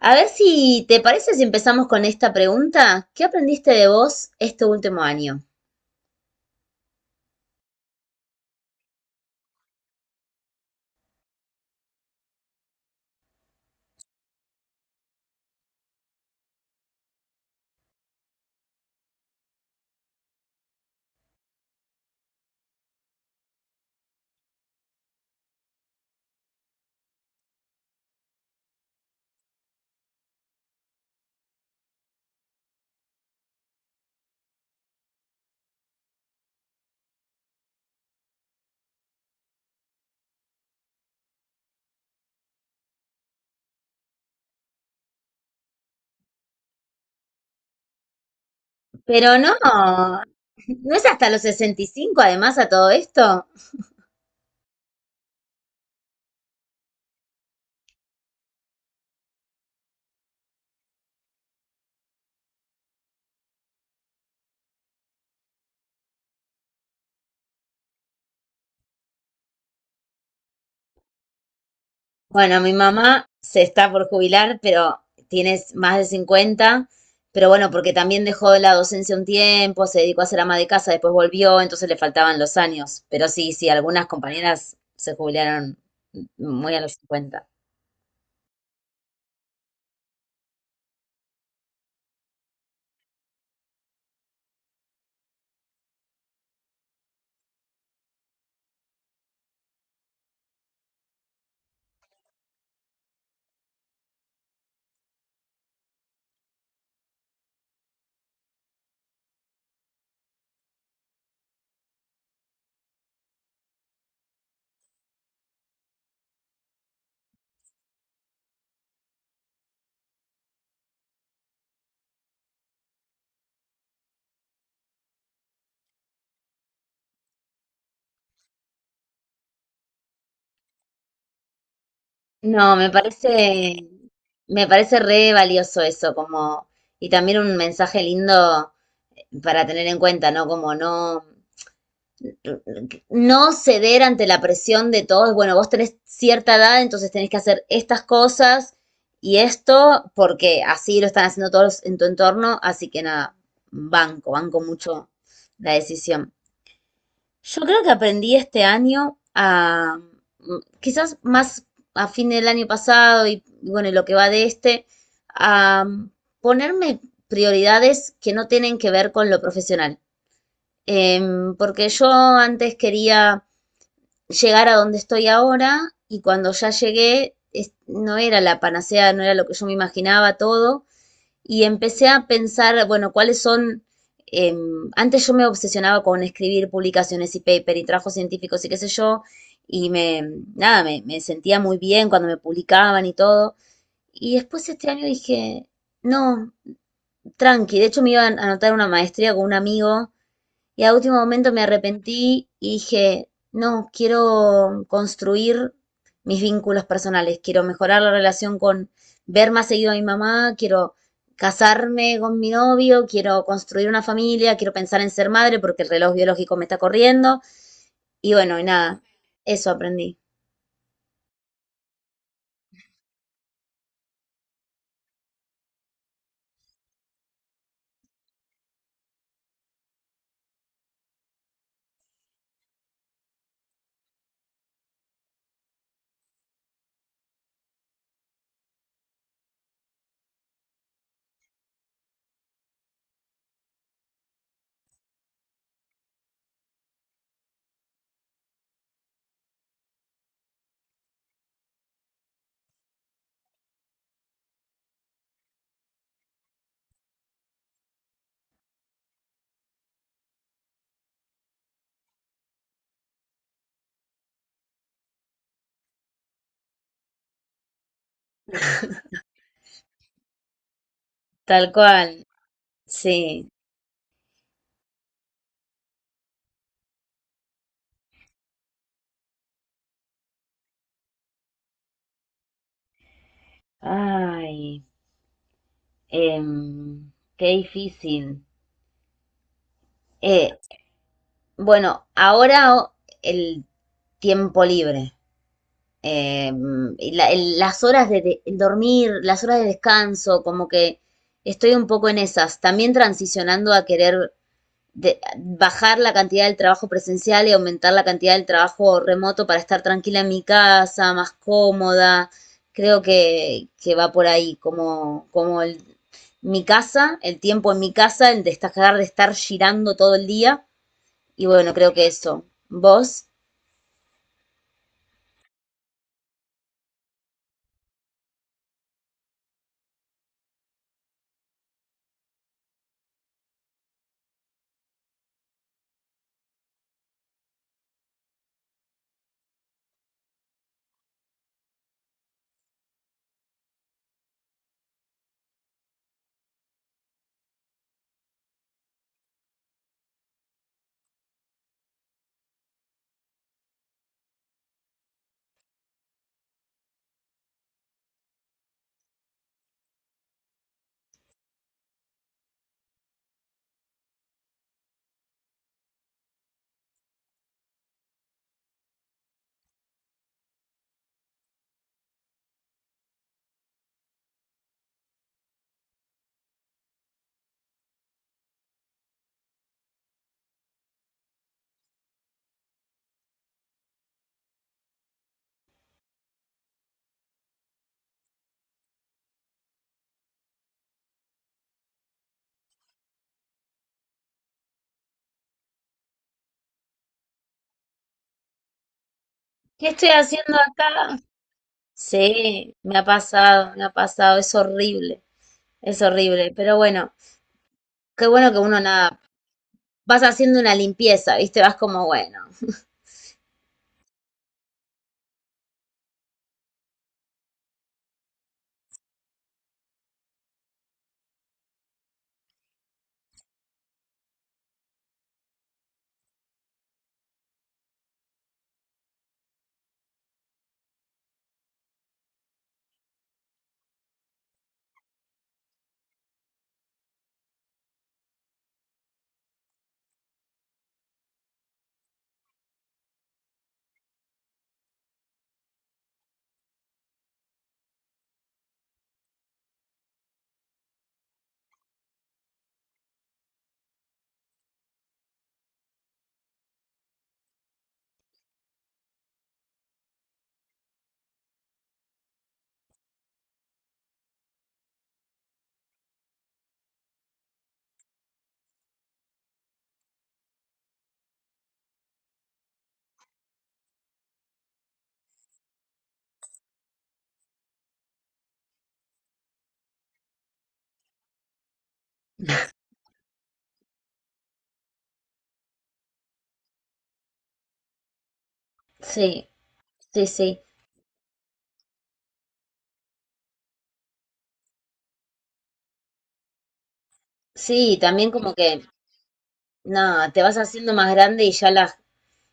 A ver si te parece si empezamos con esta pregunta. ¿Qué aprendiste de vos este último año? Pero no, no es hasta los 65. Además a todo esto. Bueno, mi mamá se está por jubilar, pero tienes más de 50. Pero bueno, porque también dejó la docencia un tiempo, se dedicó a ser ama de casa, después volvió, entonces le faltaban los años. Pero sí, sí, algunas compañeras se jubilaron muy a los 50. No, me parece re valioso eso, como, y también un mensaje lindo para tener en cuenta, ¿no? Como no, no ceder ante la presión de todos. Bueno, vos tenés cierta edad, entonces tenés que hacer estas cosas y esto, porque así lo están haciendo todos en tu entorno, así que nada, banco, banco mucho la decisión. Yo creo que aprendí este año a, quizás más a fin del año pasado y bueno, y lo que va de este, a ponerme prioridades que no tienen que ver con lo profesional. Porque yo antes quería llegar a donde estoy ahora y cuando ya llegué no era la panacea, no era lo que yo me imaginaba todo y empecé a pensar, bueno, cuáles son... eh, Antes yo me obsesionaba con escribir publicaciones y paper y trabajos científicos y qué sé yo, y me, nada, me sentía muy bien cuando me publicaban y todo. Y después este año dije, no, tranqui, de hecho me iba a anotar una maestría con un amigo y a último momento me arrepentí y dije, no, quiero construir mis vínculos personales, quiero mejorar la relación con ver más seguido a mi mamá, quiero casarme con mi novio, quiero construir una familia, quiero pensar en ser madre porque el reloj biológico me está corriendo. Y bueno, y nada, eso aprendí. Tal cual, sí. Ay, em, qué difícil. Eh, bueno, ahora el tiempo libre. Eh, las horas de, el dormir, las horas de descanso, como que estoy un poco en esas. También transicionando a querer bajar la cantidad del trabajo presencial y aumentar la cantidad del trabajo remoto para estar tranquila en mi casa, más cómoda. Creo que va por ahí, como, como mi casa, el tiempo en mi casa, el destacar de estar girando todo el día. Y bueno, creo que eso. ¿Vos? ¿Qué estoy haciendo acá? Sí, me ha pasado, es horrible, pero bueno, qué bueno que uno nada, vas haciendo una limpieza, ¿viste? Vas como, bueno, sí, sí, sí, sí, y también como que, no, te vas haciendo más grande y ya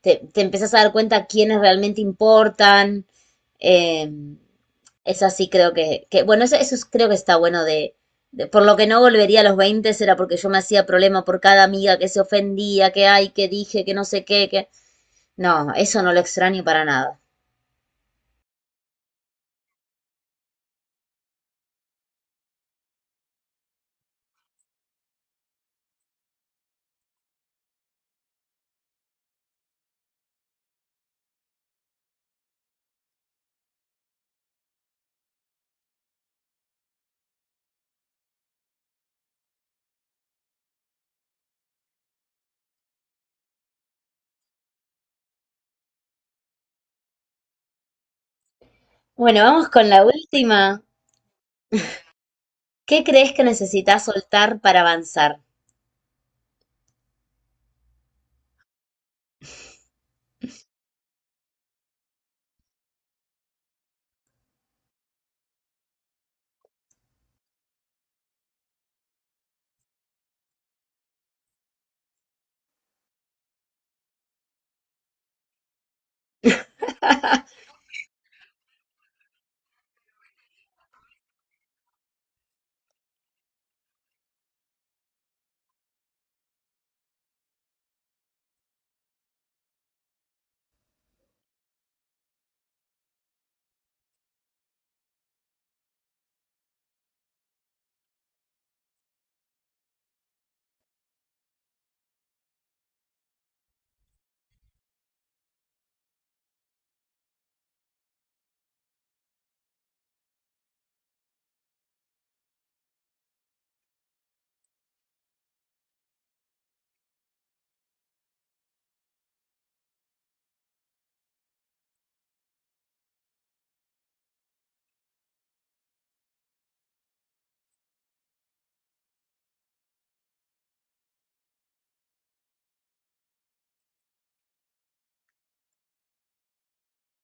te empezás a dar cuenta quiénes realmente importan, eh, es así creo que bueno, eso, creo que está bueno de, por lo que no volvería a los 20 era porque yo me hacía problema por cada amiga que se ofendía, que ay, que dije, que no sé qué, que... No, eso no lo extraño para nada. Bueno, vamos con la última. ¿Qué crees que necesitas soltar para avanzar?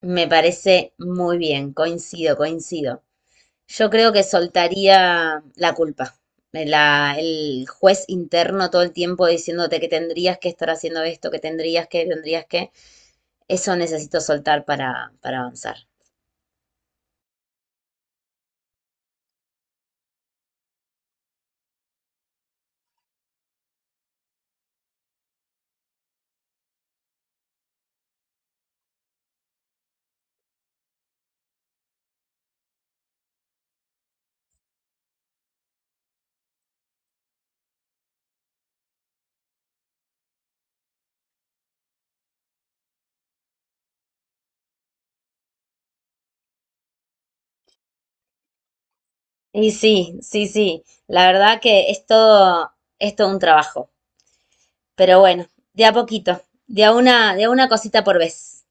Me parece muy bien, coincido, coincido. Yo creo que soltaría la culpa. La- el juez interno todo el tiempo diciéndote que tendrías que estar haciendo esto, que tendrías que, tendrías que. Eso necesito soltar para, avanzar. Y sí, sí, sí. La verdad que es todo un trabajo. Pero bueno, de a poquito, de a una cosita por vez.